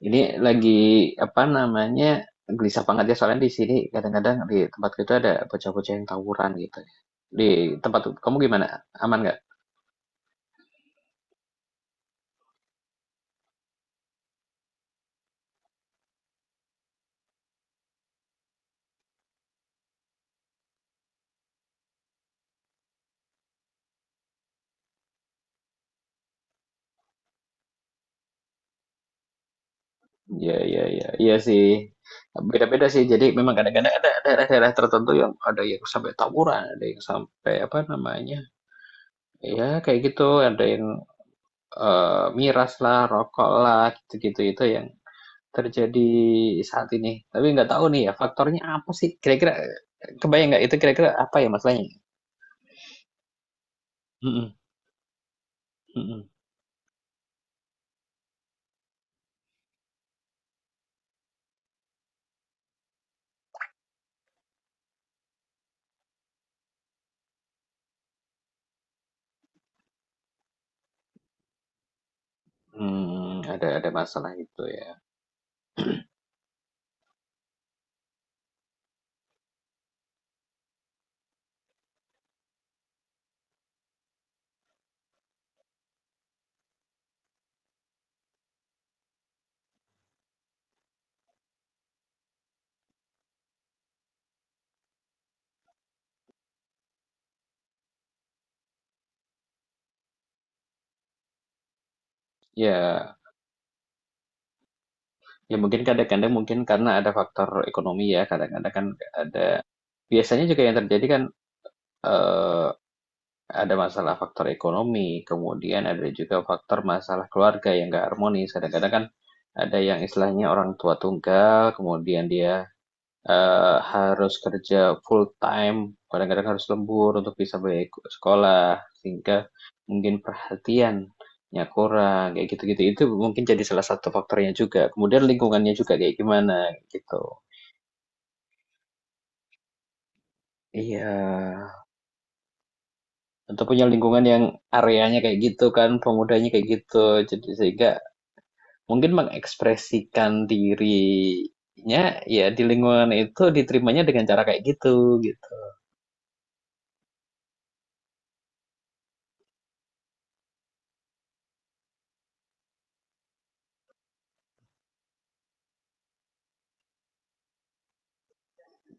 Ini lagi apa namanya, gelisah banget ya soalnya di sini kadang-kadang di tempat itu ada bocah-bocah yang tawuran gitu. Di tempat kamu gimana? Aman nggak? Ya, iya sih. Beda-beda sih. Jadi memang kadang-kadang ada daerah-daerah tertentu yang ada yang sampai tawuran, ada yang sampai apa namanya? Ya kayak gitu, ada yang miras lah, rokok lah, gitu-gitu itu yang terjadi saat ini. Tapi nggak tahu nih ya faktornya apa sih? Kira-kira kebayang nggak itu kira-kira apa ya masalahnya? Mhm mhm. Ada masalah itu ya. Ya ya, mungkin kadang-kadang mungkin karena ada faktor ekonomi ya, kadang-kadang kan ada biasanya juga yang terjadi kan, eee, ada masalah faktor ekonomi, kemudian ada juga faktor masalah keluarga yang nggak harmonis. Kadang-kadang kan ada yang istilahnya orang tua tunggal, kemudian dia harus kerja full time, kadang-kadang harus lembur untuk bisa bayar sekolah, sehingga mungkin perhatiannya kurang, kayak gitu-gitu. Itu mungkin jadi salah satu faktornya juga, kemudian lingkungannya juga kayak gimana, gitu. Iya, atau punya lingkungan yang areanya kayak gitu kan, pemudanya kayak gitu, jadi sehingga mungkin mengekspresikan dirinya, ya di lingkungan itu diterimanya dengan cara kayak gitu, gitu.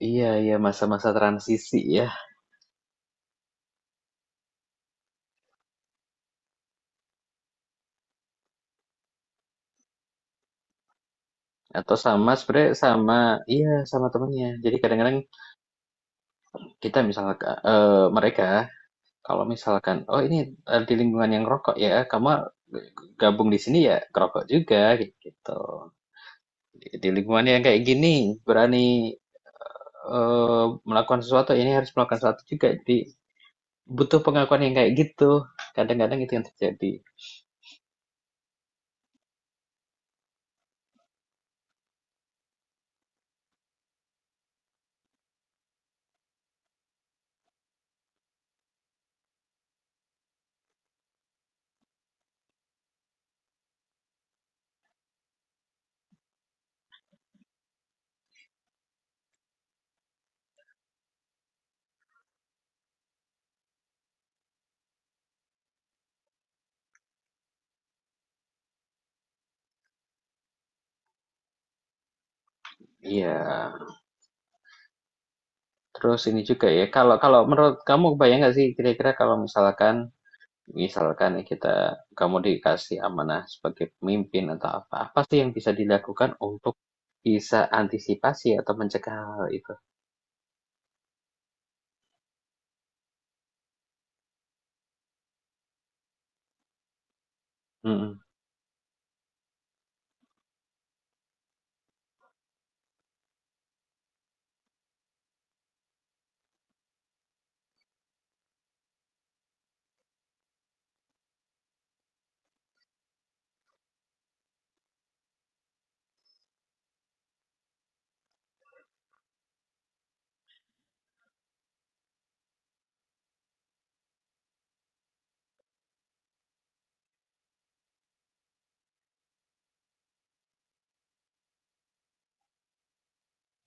Iya iya, masa-masa transisi ya. Atau sama sebenarnya sama iya sama temennya. Jadi kadang-kadang kita misalkan mereka kalau misalkan oh ini di lingkungan yang rokok ya, kamu gabung di sini ya kerokok juga gitu. Di lingkungan yang kayak gini berani melakukan sesuatu ini harus melakukan sesuatu juga. Jadi butuh pengakuan yang kayak gitu. Kadang-kadang itu yang terjadi. Iya. Terus ini juga ya kalau kalau menurut kamu bayang nggak sih kira-kira kalau misalkan misalkan nih kita kamu dikasih amanah sebagai pemimpin atau apa, apa sih yang bisa dilakukan untuk bisa antisipasi atau mencegah hal itu? Mhm.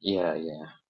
Iya iya.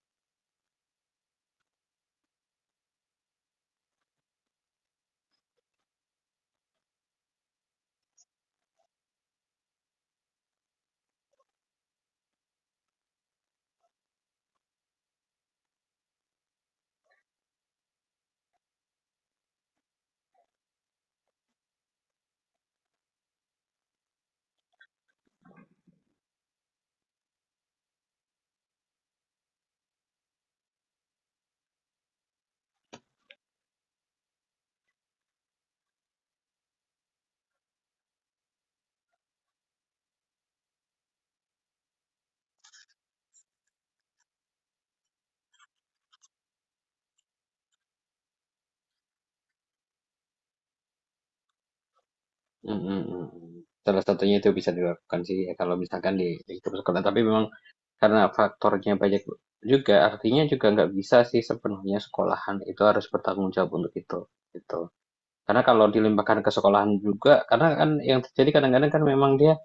Mhm. Salah satunya itu bisa dilakukan sih ya kalau misalkan di lingkup sekolah. Tapi memang karena faktornya banyak juga, artinya juga nggak bisa sih sepenuhnya sekolahan itu harus bertanggung jawab untuk itu, gitu. Karena kalau dilimpahkan ke sekolahan juga, karena kan yang terjadi kadang-kadang kan memang dia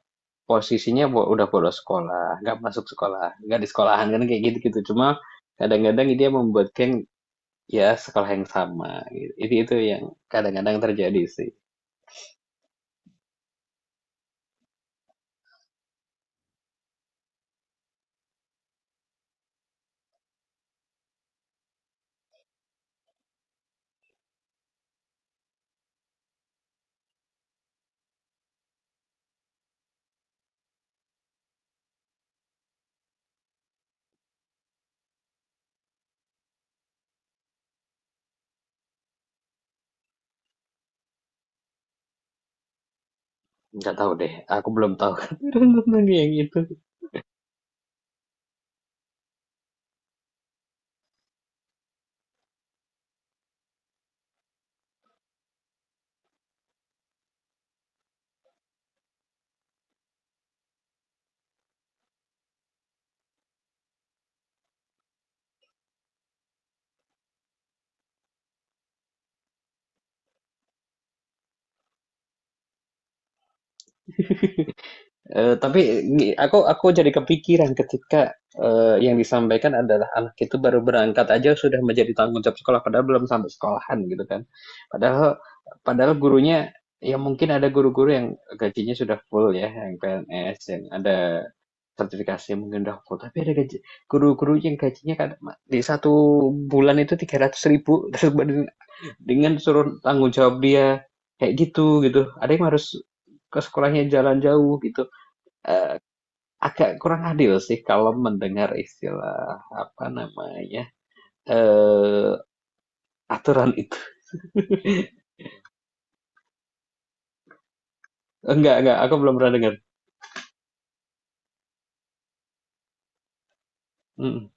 posisinya udah bolos sekolah, nggak masuk sekolah, nggak di sekolahan kan kayak gitu-gitu. Cuma kadang-kadang dia membuat geng ya sekolah yang sama, gitu. Itu yang kadang-kadang terjadi sih. Nggak tahu deh, aku belum tahu tentang yang itu. Tapi aku jadi kepikiran ketika, yang disampaikan adalah anak itu baru berangkat aja sudah menjadi tanggung jawab sekolah, padahal belum sampai sekolahan gitu kan. Padahal padahal gurunya ya mungkin ada guru-guru yang gajinya sudah full ya, yang PNS, yang ada sertifikasi mungkin udah full, tapi ada gaji guru-guru yang gajinya kadang di satu bulan itu 300.000 dengan suruh tanggung jawab dia kayak gitu gitu. Ada yang harus ke sekolahnya jalan jauh gitu, eee agak kurang adil sih kalau mendengar istilah apa namanya eh aturan itu. Enggak, aku belum pernah dengar. Mm,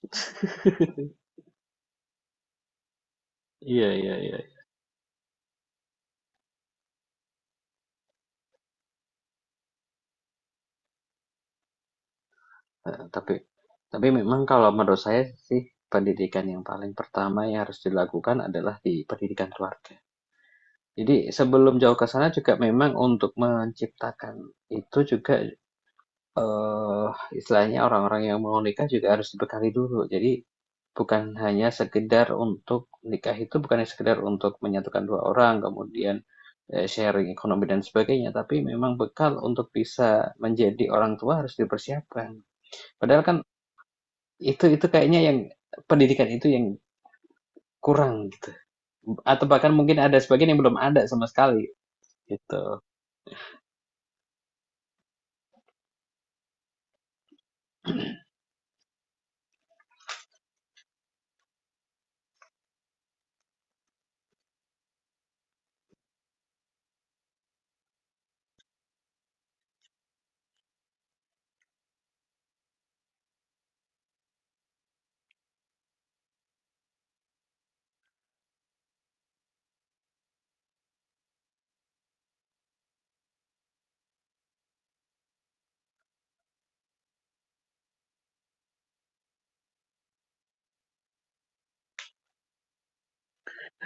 iya, iya, iya. Eh, tapi tapi memang kalau menurut saya sih pendidikan yang paling pertama yang harus dilakukan adalah di pendidikan keluarga. Jadi sebelum jauh ke sana juga memang untuk menciptakan itu juga Eee, istilahnya orang-orang yang mau nikah juga harus dibekali dulu. Jadi, bukan hanya sekedar untuk nikah itu bukan hanya sekedar untuk menyatukan 2 orang, kemudian, sharing ekonomi dan sebagainya, tapi memang bekal untuk bisa menjadi orang tua harus dipersiapkan. Padahal kan itu kayaknya yang pendidikan itu yang kurang gitu, atau bahkan mungkin ada sebagian yang belum ada sama sekali, gitu.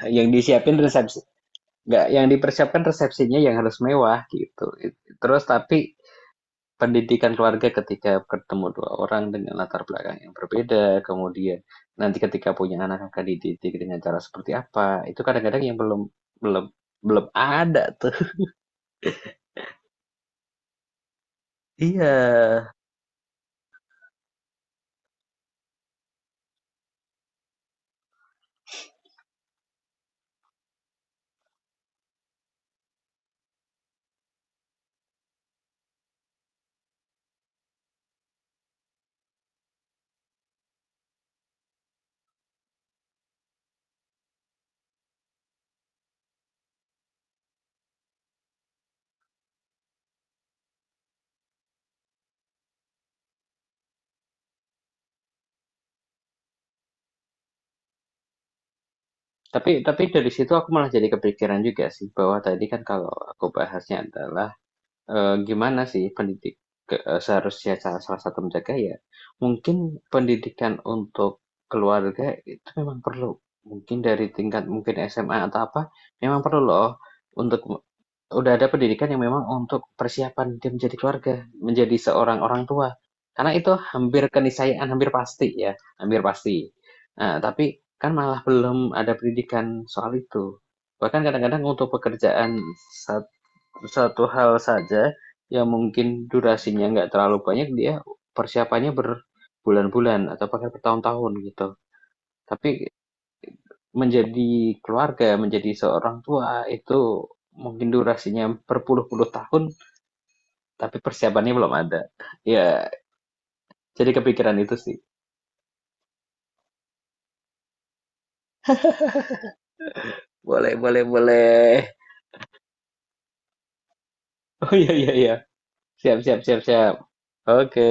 Yang disiapin resepsi nggak, yang dipersiapkan resepsinya yang harus mewah gitu, terus tapi pendidikan keluarga ketika ketemu dua orang dengan latar belakang yang berbeda, kemudian nanti ketika punya anak akan dididik dengan cara seperti apa, itu kadang-kadang yang belum belum belum ada tuh. Iya. Tapi dari situ aku malah jadi kepikiran juga sih bahwa tadi kan kalau aku bahasnya adalah gimana sih ke seharusnya salah satu menjaga ya, mungkin pendidikan untuk keluarga itu memang perlu. Mungkin dari tingkat mungkin SMA atau apa, memang perlu loh untuk udah ada pendidikan yang memang untuk persiapan dia menjadi keluarga, menjadi seorang orang tua. Karena itu hampir keniscayaan, hampir pasti ya, hampir pasti. Nah, tapi kan malah belum ada pendidikan soal itu. Bahkan kadang-kadang untuk pekerjaan satu hal saja yang mungkin durasinya nggak terlalu banyak, dia persiapannya berbulan-bulan atau bahkan bertahun-tahun gitu. Tapi menjadi keluarga, menjadi seorang tua itu mungkin durasinya berpuluh-puluh tahun, tapi persiapannya belum ada. Ya, jadi kepikiran itu sih. Boleh, boleh, boleh. Oh iya, iya, iya. Siap, siap, siap, siap. Oke.